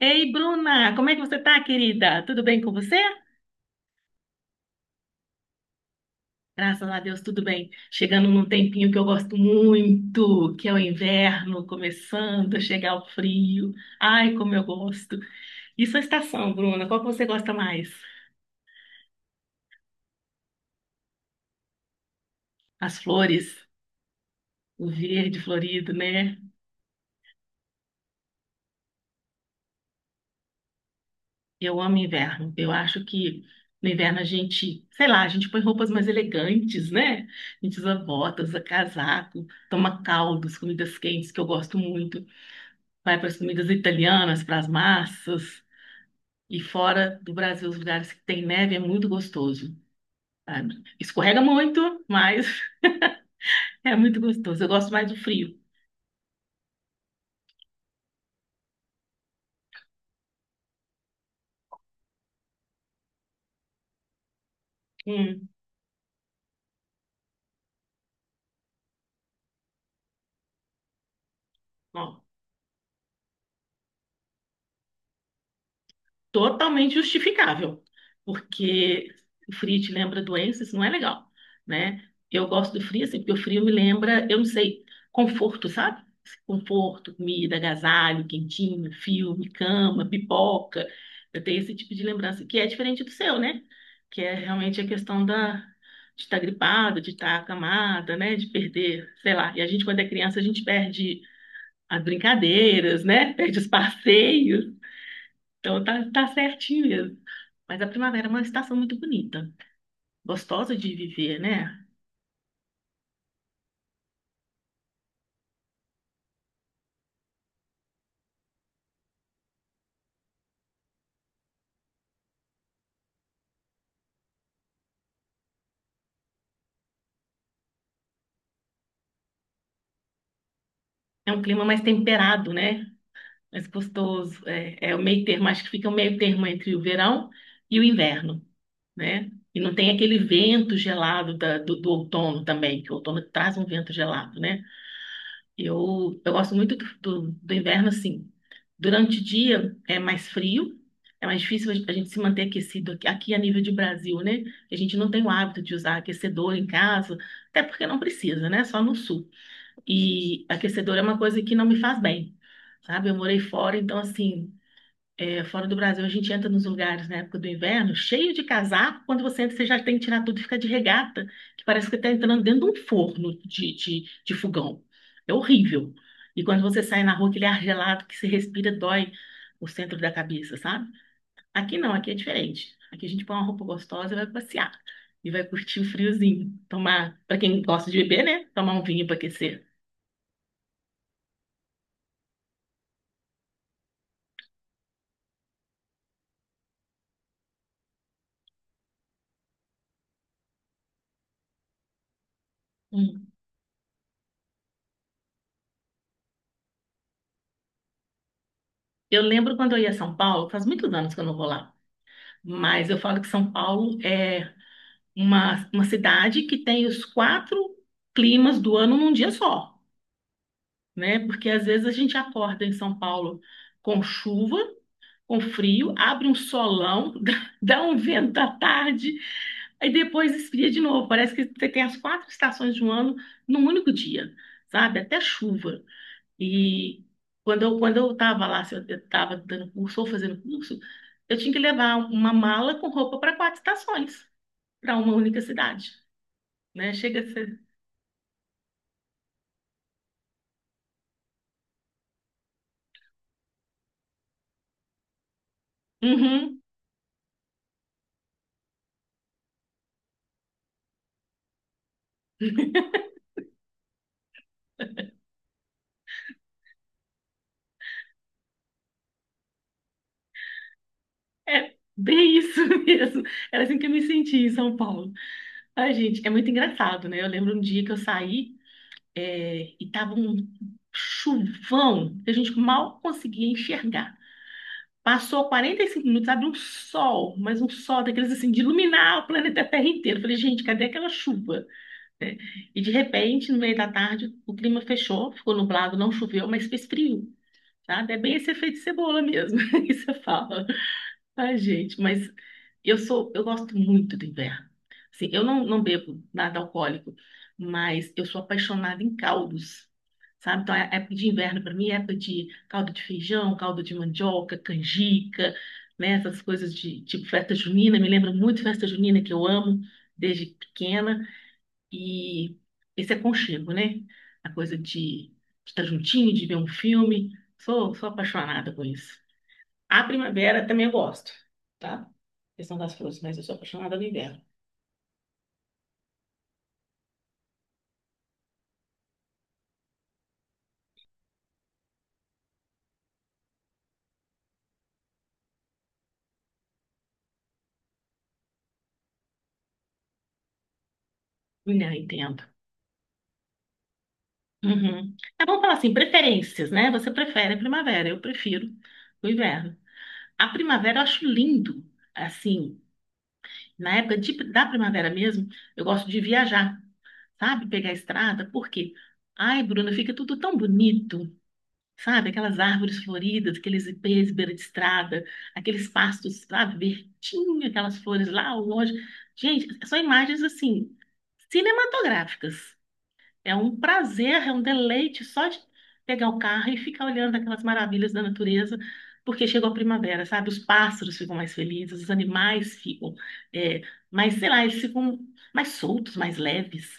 Ei, Bruna, como é que você tá, querida? Tudo bem com você? Graças a Deus, tudo bem. Chegando num tempinho que eu gosto muito, que é o inverno, começando a chegar o frio. Ai, como eu gosto. E sua estação, Bruna, qual que você gosta mais? As flores, o verde florido, né? Eu amo inverno. Eu acho que no inverno a gente, sei lá, a gente põe roupas mais elegantes, né? A gente usa botas, usa casaco, toma caldos, comidas quentes, que eu gosto muito. Vai para as comidas italianas, para as massas. E fora do Brasil, os lugares que tem neve é muito gostoso, sabe? Escorrega muito, mas é muito gostoso. Eu gosto mais do frio. Hum, ó. Totalmente justificável, porque o frio te lembra doença, isso não é legal, né? Eu gosto do frio, assim, porque o frio me lembra, eu não sei, conforto, sabe? Assim, conforto, comida, agasalho, quentinho, filme, cama, pipoca. Eu tenho esse tipo de lembrança, que é diferente do seu, né? Que é realmente a questão de estar gripada, de estar acamada, né? De perder, sei lá. E a gente, quando é criança, a gente perde as brincadeiras, né? Perde os passeios. Então tá, tá certinho mesmo. Mas a primavera é uma estação muito bonita, gostosa de viver, né? É um clima mais temperado, né? Mais gostoso. É, é o meio termo, acho que fica o meio termo entre o verão e o inverno, né? E não tem aquele vento gelado do outono também, que o outono traz um vento gelado, né? Eu gosto muito do inverno, assim. Durante o dia é mais frio, é mais difícil a gente se manter aquecido aqui, aqui a nível de Brasil, né? A gente não tem o hábito de usar aquecedor em casa, até porque não precisa, né? Só no sul. E aquecedor é uma coisa que não me faz bem, sabe? Eu morei fora, então, assim, é, fora do Brasil, a gente entra nos lugares na época do inverno, cheio de casaco. Quando você entra, você já tem que tirar tudo e fica de regata, que parece que está entrando dentro de um forno de fogão. É horrível. E quando você sai na rua, aquele ar gelado que se respira dói o centro da cabeça, sabe? Aqui não, aqui é diferente. Aqui a gente põe uma roupa gostosa e vai passear. E vai curtir o friozinho. Tomar, para quem gosta de beber, né? Tomar um vinho para aquecer. Hum. Eu lembro quando eu ia a São Paulo, faz muitos anos que eu não vou lá. Mas eu falo que São Paulo é uma cidade que tem os quatro climas do ano num dia só, né? Porque às vezes a gente acorda em São Paulo com chuva, com frio, abre um solão, dá um vento à tarde, aí depois esfria de novo. Parece que você tem as quatro estações de um ano num único dia, sabe? Até chuva. E quando eu estava lá, se eu estava dando curso ou fazendo curso, eu tinha que levar uma mala com roupa para quatro estações, para uma única cidade, né? Chega a ser. Uhum. É bem isso mesmo. Era assim que eu me senti em São Paulo. Ai, gente, é muito engraçado, né? Eu lembro um dia que eu saí, é, e tava um chuvão que a gente mal conseguia enxergar. Passou 45 minutos, abriu um sol, mas um sol daqueles assim, de iluminar o planeta Terra inteiro. Eu falei, gente, cadê aquela chuva? Né? E de repente, no meio da tarde, o clima fechou, ficou nublado, não choveu, mas fez frio, sabe? É bem esse efeito cebola mesmo, que você fala. Ai, gente, mas eu gosto muito do inverno. Assim, eu não, não bebo nada alcoólico, mas eu sou apaixonada em caldos, sabe? Então, a época de inverno para mim é época de caldo de feijão, caldo de mandioca, canjica, né? Essas coisas de tipo festa junina, me lembra muito festa junina que eu amo desde pequena e esse aconchego, né? A coisa de estar juntinho, de ver um filme. Sou apaixonada por isso. A primavera também eu gosto, tá? Questão das flores, mas eu sou apaixonada no inverno. Não, entendo. Uhum. É bom falar assim, preferências, né? Você prefere a primavera, eu prefiro o inverno. A primavera eu acho lindo, assim, na época de- da primavera mesmo, eu gosto de viajar, sabe? Pegar a estrada, por quê? Ai, Bruna, fica tudo tão bonito. Sabe, aquelas árvores floridas, aqueles ipês beira de estrada, aqueles pastos, sabe, verdinho, aquelas flores lá ao longe. Gente, são imagens assim, cinematográficas. É um prazer, é um deleite só de pegar o carro e ficar olhando aquelas maravilhas da natureza, porque chegou a primavera, sabe? Os pássaros ficam mais felizes, os animais ficam é, mais, sei lá, eles ficam mais soltos, mais leves.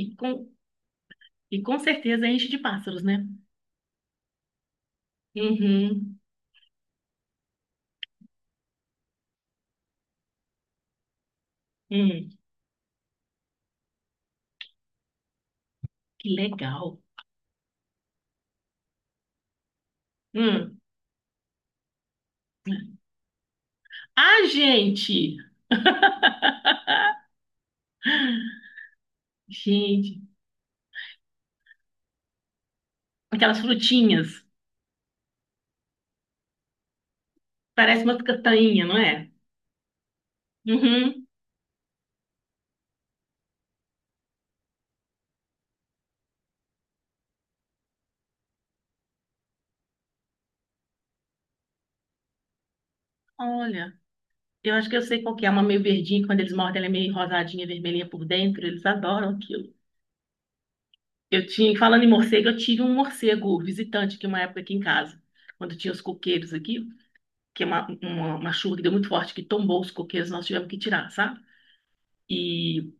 E com, e com certeza enche de pássaros, né? Uhum. Hum. Que legal. Hum. Ah, gente! Gente, aquelas frutinhas. Parece uma castanha, não é? Uhum. Olha, eu acho que eu sei qual que é. Uma meio verdinha, que quando eles mordem, ela é meio rosadinha, vermelhinha por dentro. Eles adoram aquilo. Eu tinha, falando em morcego, eu tive um morcego visitante aqui uma época aqui em casa. Quando tinha os coqueiros aqui, que é uma chuva que deu muito forte, que tombou os coqueiros, nós tivemos que tirar, sabe? E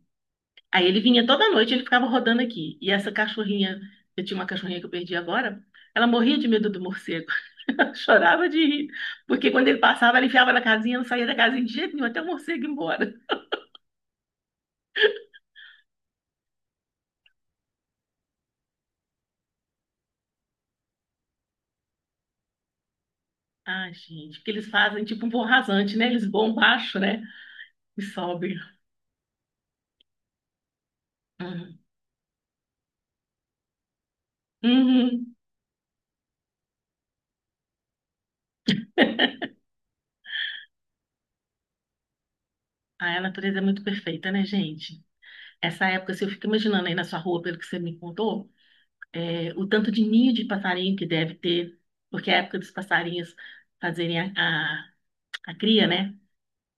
aí ele vinha toda noite, ele ficava rodando aqui. E essa cachorrinha, eu tinha uma cachorrinha que eu perdi agora, ela morria de medo do morcego. Ela chorava de rir, porque quando ele passava, ela enfiava na casinha, não saía da casinha de jeito nenhum, até o morcego ir embora. Ah, gente, porque eles fazem tipo um voo rasante, né? Eles voam baixo, né? E sobem. Uhum. Uhum. Ah, a natureza é muito perfeita, né, gente? Essa época, se eu fico imaginando aí na sua rua, pelo que você me contou, é, o tanto de ninho de passarinho que deve ter, porque é a época dos passarinhos fazerem a cria, né?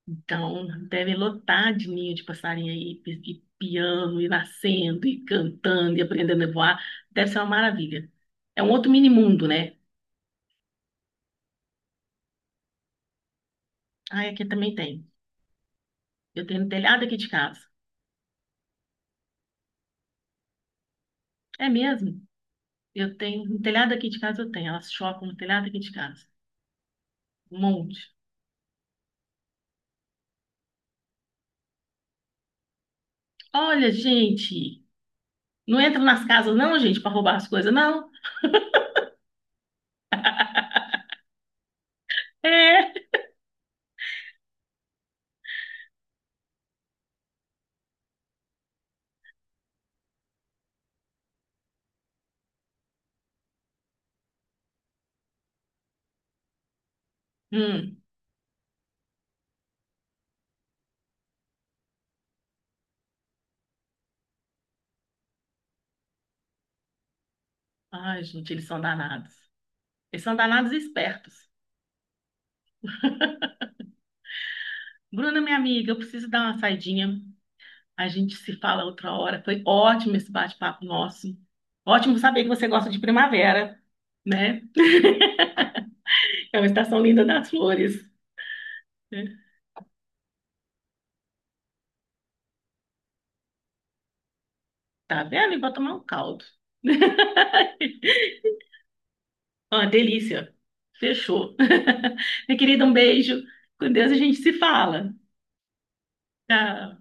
Então, devem lotar de ninho de passarinho aí, e piando, e nascendo, e cantando, e aprendendo a voar. Deve ser uma maravilha. É um outro mini mundo, né? Ah, aqui também tem. Eu tenho no telhado aqui de casa. É mesmo? Eu tenho no telhado aqui de casa, eu tenho. Elas chocam no telhado aqui de casa. Um monte. Olha, gente, não entra nas casas, não, gente, para roubar as coisas, não. É. Hum. Ai, gente, eles são danados. Eles são danados e espertos. Bruna, minha amiga, eu preciso dar uma saidinha. A gente se fala outra hora. Foi ótimo esse bate-papo nosso. Ótimo saber que você gosta de primavera, né? É uma estação linda das flores. Né? Tá vendo? E vou tomar um caldo. Uma delícia. Fechou. Minha querida, um beijo. Com Deus a gente se fala. Tchau.